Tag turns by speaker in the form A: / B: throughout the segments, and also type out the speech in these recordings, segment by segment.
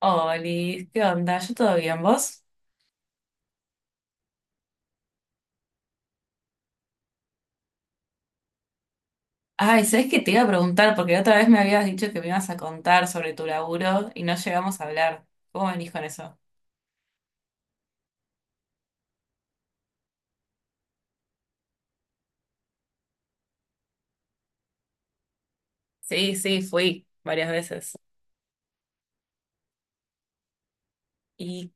A: Oli, ¿qué onda? ¿Yo todo bien, vos? Ay, ¿sabés qué te iba a preguntar? Porque la otra vez me habías dicho que me ibas a contar sobre tu laburo y no llegamos a hablar. ¿Cómo venís con eso? Sí, sí, fui varias veces. Y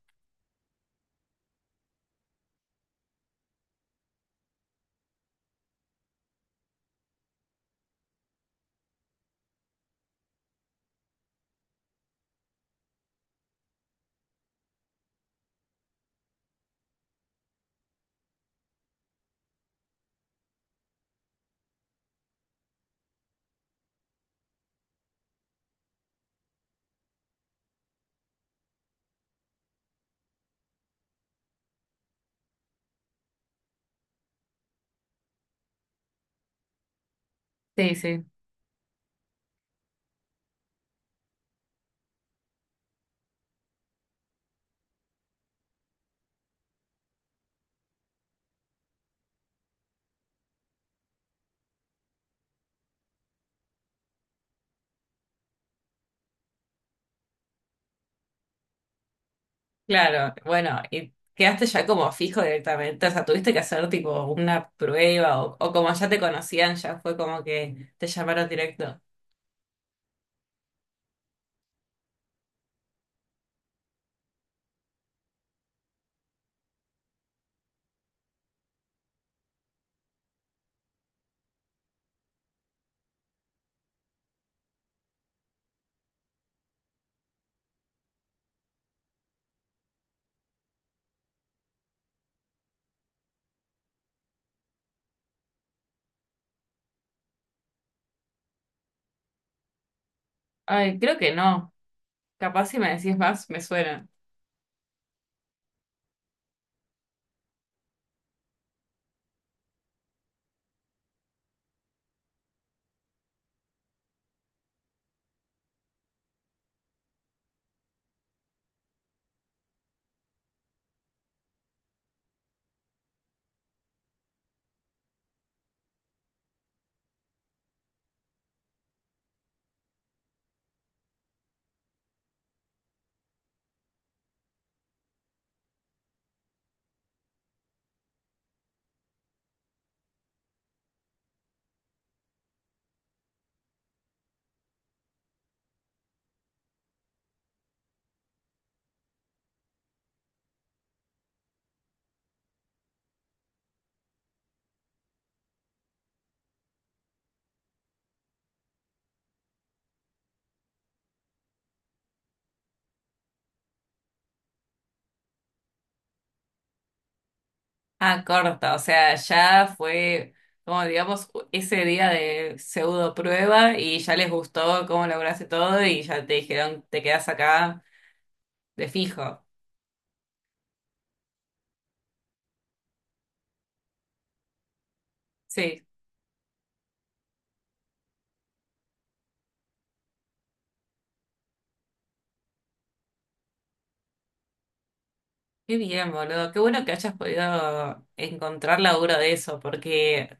A: sí, sí. Claro, bueno, ¿y quedaste ya como fijo directamente? O sea, ¿tuviste que hacer tipo una prueba o como ya te conocían, ya fue como que te llamaron directo? Ay, creo que no. Capaz si me decís más, me suena. Ah, corta, o sea, ya fue como digamos ese día de pseudo prueba y ya les gustó cómo lograste todo y ya te dijeron te quedas acá de fijo. Sí, qué bien, boludo, qué bueno que hayas podido encontrar laburo de eso, porque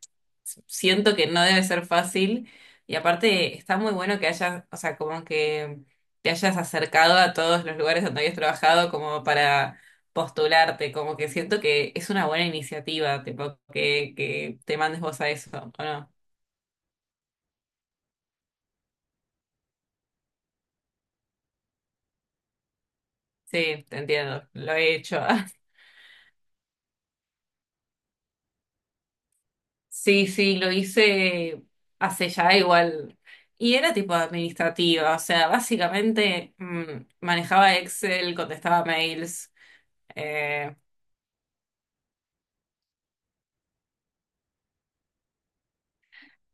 A: siento que no debe ser fácil y aparte está muy bueno que hayas, o sea, como que te hayas acercado a todos los lugares donde habías trabajado como para postularte, como que siento que es una buena iniciativa, tipo, que te mandes vos a eso, ¿o no? Sí, te entiendo, lo he hecho. Sí, sí, lo hice hace ya igual. Y era tipo administrativa, o sea, básicamente manejaba Excel, contestaba mails. eh,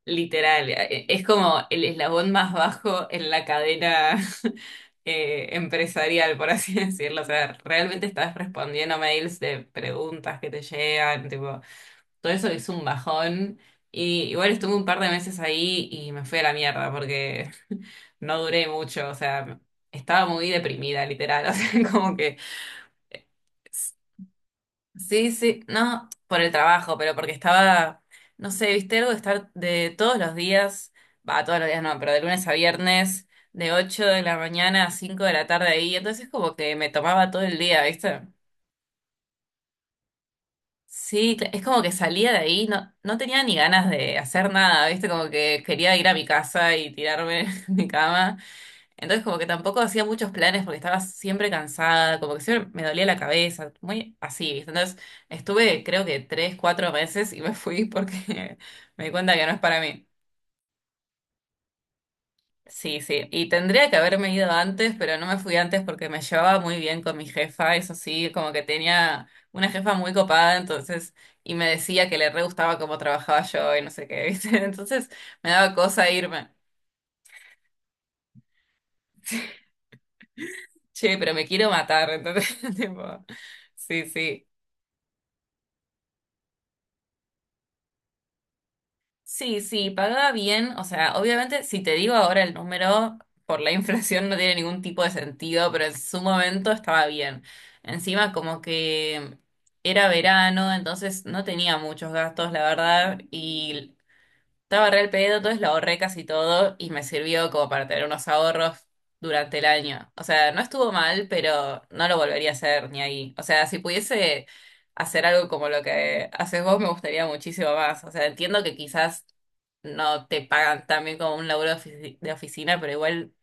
A: Literal, es como el eslabón más bajo en la cadena empresarial, por así decirlo. O sea, realmente estás respondiendo mails de preguntas que te llegan, tipo, todo eso es un bajón. Y igual estuve un par de meses ahí y me fui a la mierda porque no duré mucho, o sea, estaba muy deprimida, literal. O sea, como que sí, sí, no por el trabajo, pero porque estaba, no sé, viste algo de estar de todos los días, va, todos los días no, pero de lunes a viernes, de 8 de la mañana a 5 de la tarde ahí, entonces como que me tomaba todo el día, ¿viste? Sí, cl- es como que salía de ahí, no, no tenía ni ganas de hacer nada, ¿viste? Como que quería ir a mi casa y tirarme en mi cama. Entonces como que tampoco hacía muchos planes porque estaba siempre cansada, como que siempre me dolía la cabeza, muy así, ¿viste? Entonces estuve creo que tres, cuatro meses y me fui porque me di cuenta que no es para mí. Sí, sí, y tendría que haberme ido antes, pero no me fui antes porque me llevaba muy bien con mi jefa, eso sí, como que tenía una jefa muy copada, entonces, y me decía que le re gustaba cómo trabajaba yo y no sé qué, ¿viste? Entonces me daba cosa irme, che, pero me quiero matar, entonces, tipo, sí, sí. Sí, sí, pagaba bien. O sea, obviamente, si te digo ahora el número, por la inflación no tiene ningún tipo de sentido, pero en su momento estaba bien. Encima, como que era verano, entonces no tenía muchos gastos, la verdad, y estaba re al pedo, entonces lo ahorré casi todo y me sirvió como para tener unos ahorros durante el año. O sea, no estuvo mal, pero no lo volvería a hacer ni ahí. O sea, si pudiese hacer algo como lo que haces vos, me gustaría muchísimo más. O sea, entiendo que quizás no te pagan tan bien como un laburo de ofici- de oficina, pero igual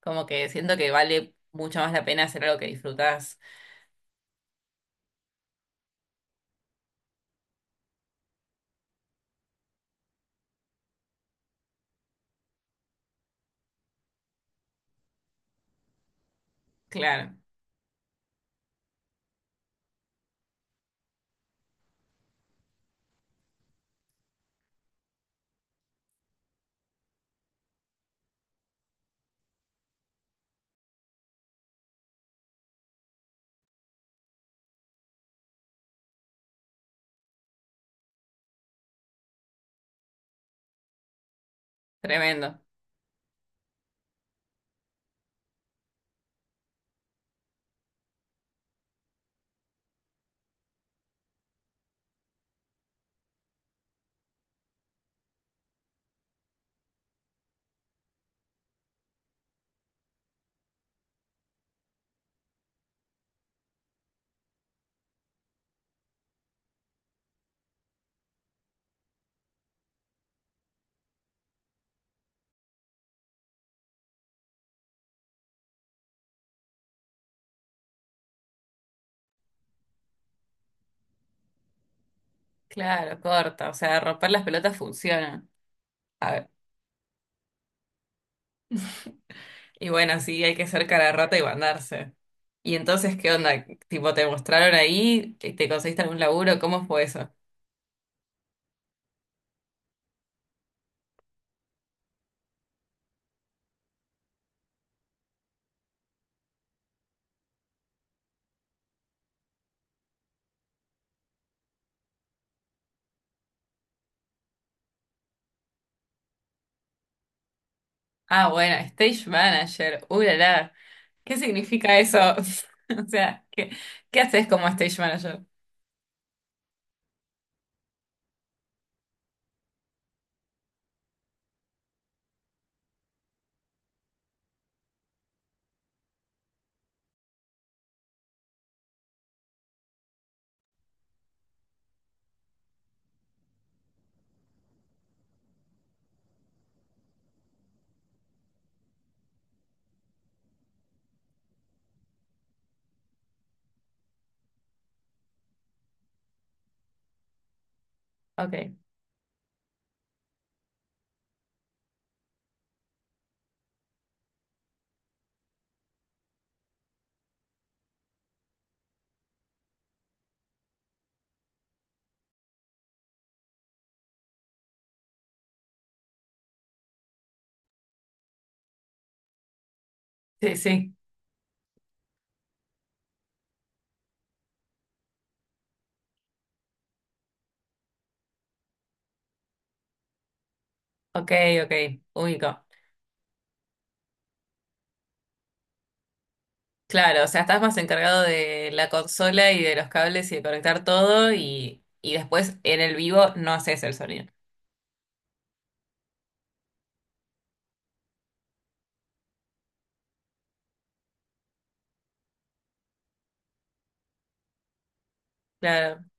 A: como que siento que vale mucho más la pena hacer algo que disfrutás. Claro, tremendo. Claro, corta. O sea, romper las pelotas funciona. Y bueno, sí, hay que ser cara de rata y mandarse. Y entonces, ¿qué onda? Tipo, ¿te mostraron ahí? ¿Te conseguiste algún laburo? ¿Cómo fue eso? Ah, bueno, stage manager. La, la. ¿Qué significa eso? O sea, ¿qué, qué haces como stage manager? Ok. Sí, sí. Ok, ok. Único. Claro, o sea, estás más encargado de la consola y de los cables y de conectar todo y después en el vivo no haces el sonido. Claro,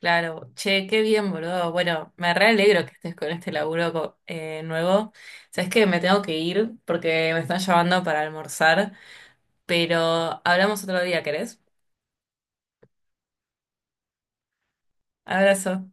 A: claro, che, qué bien, boludo. Bueno, me re alegro que estés con este laburo co- nuevo. Sabes que me tengo que ir porque me están llamando para almorzar, pero hablamos otro día, ¿querés? Abrazo.